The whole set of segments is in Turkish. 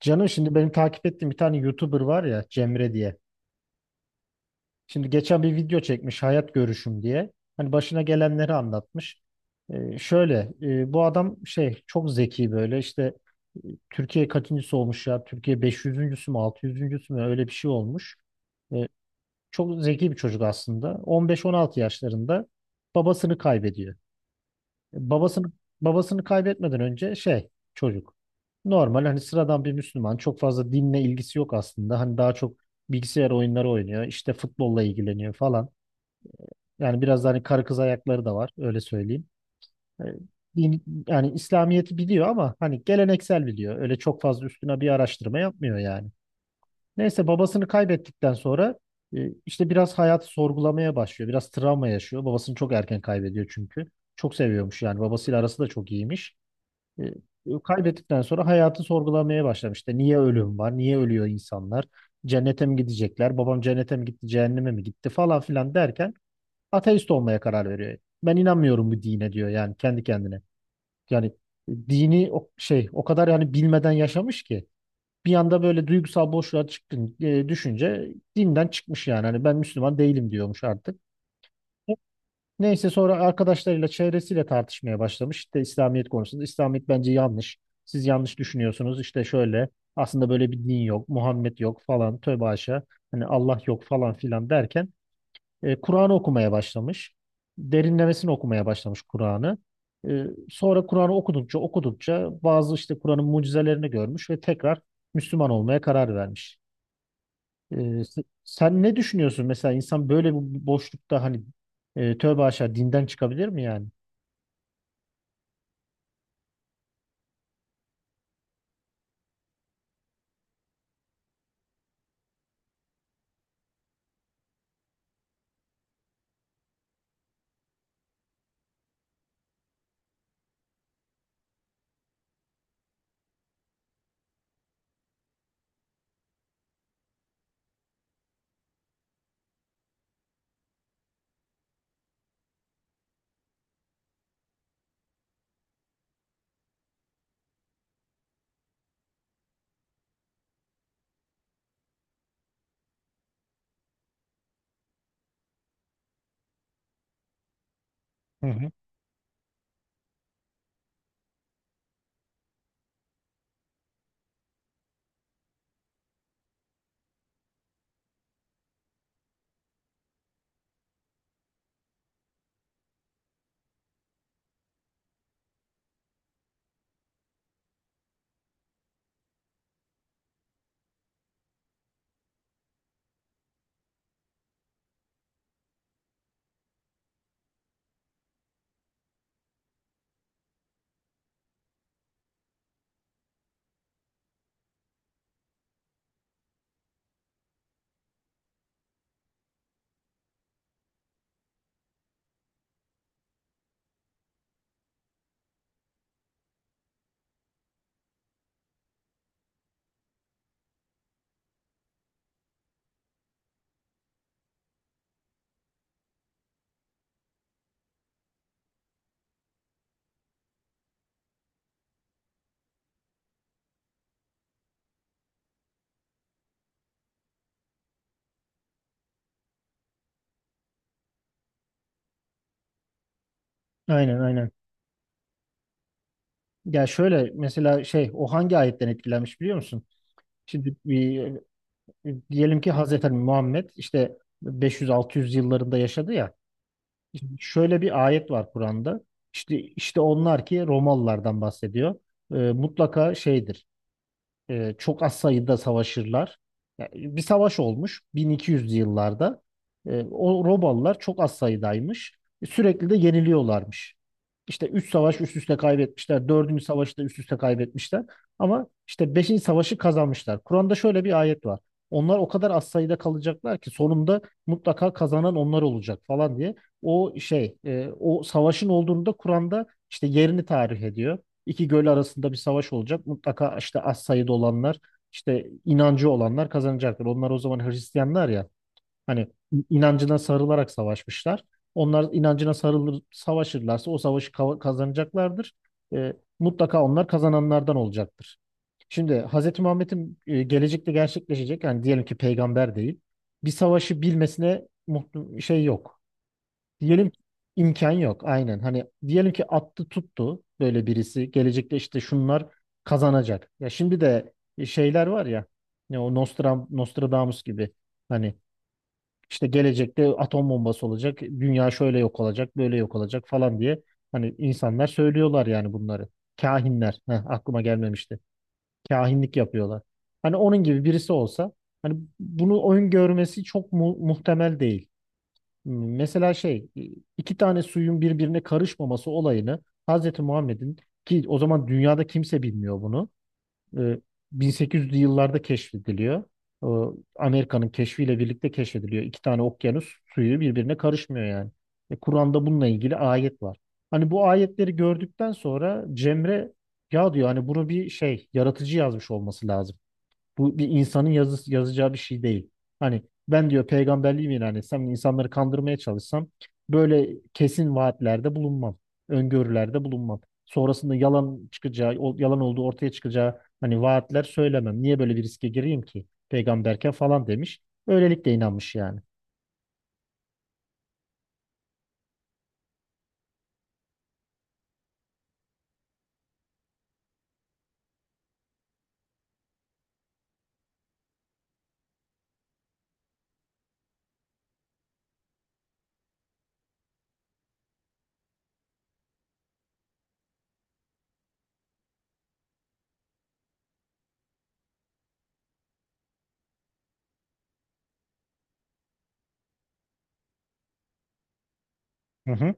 Canım şimdi benim takip ettiğim bir tane YouTuber var ya Cemre diye. Şimdi geçen bir video çekmiş hayat görüşüm diye. Hani başına gelenleri anlatmış. Şöyle bu adam çok zeki böyle işte Türkiye kaçıncısı olmuş ya? Türkiye 500.sü mü 600.sü mü öyle bir şey olmuş. Ee, çok zeki bir çocuk aslında. 15-16 yaşlarında babasını kaybediyor. Babasını babasını kaybetmeden önce çocuk. Normal hani sıradan bir Müslüman. Çok fazla dinle ilgisi yok aslında. Hani daha çok bilgisayar oyunları oynuyor. İşte futbolla ilgileniyor falan. Yani biraz da hani karı kız ayakları da var öyle söyleyeyim. E, Din, yani İslamiyet'i biliyor ama hani geleneksel biliyor. Öyle çok fazla üstüne bir araştırma yapmıyor yani. Neyse babasını kaybettikten sonra işte biraz hayatı sorgulamaya başlıyor. Biraz travma yaşıyor. Babasını çok erken kaybediyor çünkü. Çok seviyormuş yani babasıyla arası da çok iyiymiş. E, Kaybettikten sonra hayatı sorgulamaya başlamış. İşte niye ölüm var? Niye ölüyor insanlar? Cennete mi gidecekler? Babam cennete mi gitti? Cehenneme mi gitti? Falan filan derken ateist olmaya karar veriyor. Ben inanmıyorum bu dine diyor yani kendi kendine. Yani dini o şey o kadar yani bilmeden yaşamış ki bir anda böyle duygusal boşluğa çıktın düşünce dinden çıkmış yani. Hani ben Müslüman değilim diyormuş artık. Neyse sonra arkadaşlarıyla çevresiyle tartışmaya başlamış. İşte İslamiyet konusunda. İslamiyet bence yanlış. Siz yanlış düşünüyorsunuz. İşte şöyle aslında böyle bir din yok. Muhammed yok falan. Tövbe haşa. Hani Allah yok falan filan derken Kur'an'ı okumaya başlamış. Derinlemesine okumaya başlamış Kur'an'ı. E, sonra Kur'an'ı okudukça okudukça bazı işte Kur'an'ın mucizelerini görmüş ve tekrar Müslüman olmaya karar vermiş. Ee, s- sen ne düşünüyorsun mesela insan böyle bir boşlukta hani tövbe aşağı dinden çıkabilir mi yani? Hı hı. Aynen, aynen. Ya şöyle mesela o hangi ayetten etkilenmiş biliyor musun? Şimdi diyelim ki Hazreti Muhammed işte 500-600 yıllarında yaşadı ya. Şimdi şöyle bir ayet var Kur'an'da. İşte onlar ki Romalılardan bahsediyor. Mutlaka şeydir. Çok az sayıda savaşırlar. Ya, bir savaş olmuş 1200'lü yıllarda. O Romalılar çok az sayıdaymış. Sürekli de yeniliyorlarmış. İşte 3 savaş üst üste kaybetmişler. Dördüncü savaşı da üst üste kaybetmişler. Ama işte beşinci savaşı kazanmışlar. Kur'an'da şöyle bir ayet var. Onlar o kadar az sayıda kalacaklar ki sonunda mutlaka kazanan onlar olacak falan diye. O savaşın olduğunu da Kur'an'da işte yerini tarih ediyor, iki göl arasında bir savaş olacak. Mutlaka işte az sayıda olanlar, işte inancı olanlar kazanacaktır. Onlar o zaman Hristiyanlar ya. Hani inancına sarılarak savaşmışlar. Onlar inancına sarılır, savaşırlarsa o savaşı kazanacaklardır. E, mutlaka onlar kazananlardan olacaktır. Şimdi Hz. Muhammed'in gelecekte gerçekleşecek yani diyelim ki peygamber değil. Bir savaşı bilmesine yok. Diyelim ki imkan yok aynen. Hani diyelim ki attı tuttu böyle birisi. Gelecekte işte şunlar kazanacak. Ya şimdi de şeyler var ya. Ne o Nostradamus gibi. Hani işte gelecekte atom bombası olacak. Dünya şöyle yok olacak, böyle yok olacak falan diye. Hani insanlar söylüyorlar yani bunları. Kahinler. Heh, aklıma gelmemişti. Kahinlik yapıyorlar. Hani onun gibi birisi olsa hani bunu öngörmesi çok mu muhtemel değil. Mesela iki tane suyun birbirine karışmaması olayını Hazreti Muhammed'in ki o zaman dünyada kimse bilmiyor bunu. e, 1800'lü yıllarda keşfediliyor. E, Amerika'nın keşfiyle birlikte keşfediliyor. İki tane okyanus suyu birbirine karışmıyor yani. Kur'an'da bununla ilgili ayet var. Hani bu ayetleri gördükten sonra Cemre ya diyor hani bunu bir şey yaratıcı yazmış olması lazım. Bu bir insanın yazacağı bir şey değil. Hani ben diyor peygamberliğimi ilan etsem, insanları kandırmaya çalışsam böyle kesin vaatlerde bulunmam, öngörülerde bulunmam. Sonrasında yalan çıkacağı, yalan olduğu ortaya çıkacağı hani vaatler söylemem. Niye böyle bir riske gireyim ki peygamberken falan demiş. Öylelikle inanmış yani. Hı hı.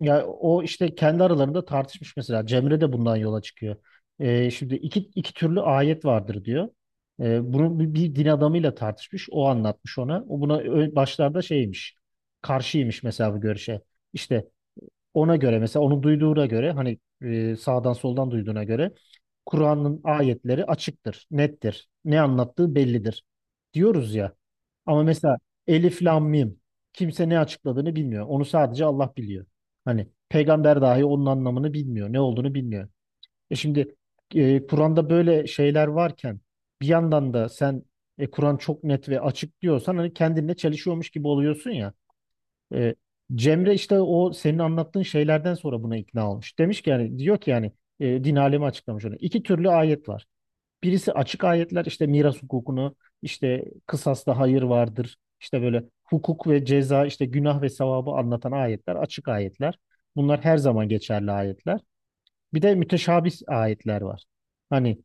Ya o işte kendi aralarında tartışmış mesela. Cemre de bundan yola çıkıyor. Şimdi iki türlü ayet vardır diyor. Bunu bir din adamıyla tartışmış. O anlatmış ona. O buna başlarda şeymiş. Karşıymış mesela bu görüşe. İşte ona göre mesela onu duyduğuna göre hani sağdan soldan duyduğuna göre Kur'an'ın ayetleri açıktır, nettir. Ne anlattığı bellidir diyoruz ya. Ama mesela Elif Lam Mim kimse ne açıkladığını bilmiyor. Onu sadece Allah biliyor. Hani peygamber dahi onun anlamını bilmiyor, ne olduğunu bilmiyor. Şimdi Kur'an'da böyle şeyler varken bir yandan da sen Kur'an çok net ve açık diyorsan hani kendinle çelişiyormuş gibi oluyorsun ya. E, Cemre işte o senin anlattığın şeylerden sonra buna ikna olmuş. Demiş ki yani diyor ki yani din alemi açıklamış onu. İki türlü ayet var. Birisi açık ayetler işte miras hukukunu işte kısasta hayır vardır. İşte böyle hukuk ve ceza işte günah ve sevabı anlatan ayetler açık ayetler. Bunlar her zaman geçerli ayetler. Bir de müteşabih ayetler var. Hani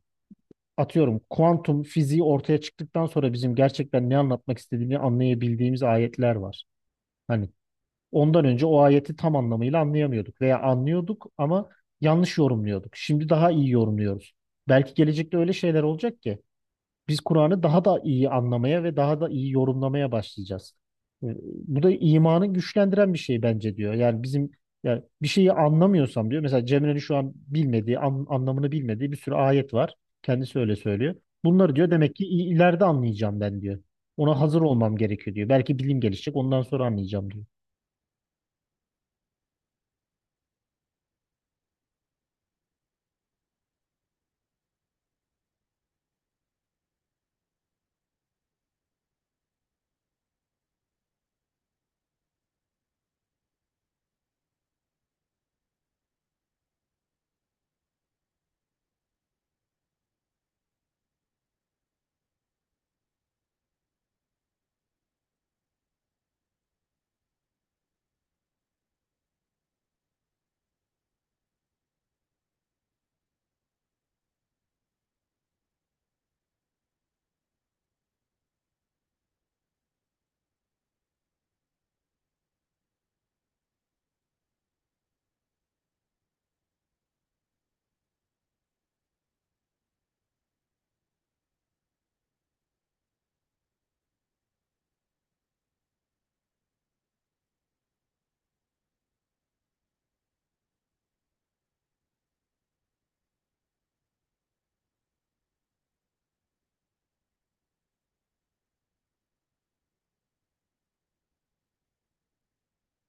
atıyorum kuantum fiziği ortaya çıktıktan sonra bizim gerçekten ne anlatmak istediğini anlayabildiğimiz ayetler var. Hani ondan önce o ayeti tam anlamıyla anlayamıyorduk veya anlıyorduk ama yanlış yorumluyorduk. Şimdi daha iyi yorumluyoruz. Belki gelecekte öyle şeyler olacak ki biz Kur'an'ı daha da iyi anlamaya ve daha da iyi yorumlamaya başlayacağız. E, Bu da imanı güçlendiren bir şey bence diyor. Yani bizim yani bir şeyi anlamıyorsam diyor. Mesela Cemre'nin şu an bilmediği, anlamını bilmediği bir sürü ayet var. Kendisi öyle söylüyor. Bunları diyor demek ki ileride anlayacağım ben diyor. Ona hazır olmam gerekiyor diyor. Belki bilim gelişecek ondan sonra anlayacağım diyor.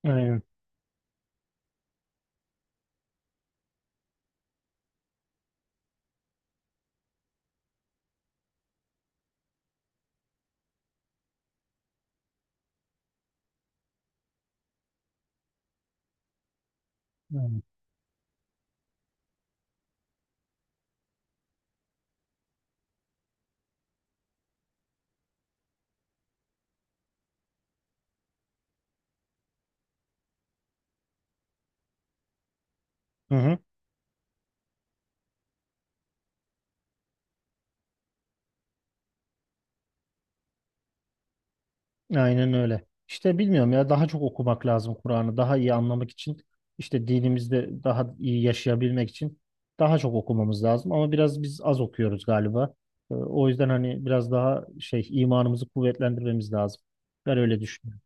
Aynen. Evet. Hı hı. Aynen öyle. İşte bilmiyorum ya daha çok okumak lazım Kur'an'ı daha iyi anlamak için işte dinimizde daha iyi yaşayabilmek için daha çok okumamız lazım ama biraz biz az okuyoruz galiba. O yüzden hani biraz daha imanımızı kuvvetlendirmemiz lazım. Ben öyle düşünüyorum.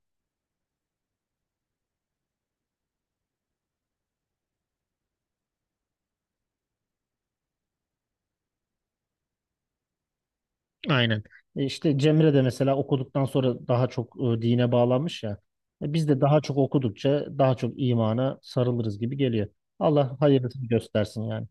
Aynen. İşte Cemre de mesela okuduktan sonra daha çok dine bağlanmış ya. Biz de daha çok okudukça daha çok imana sarılırız gibi geliyor. Allah hayırlısını göstersin yani.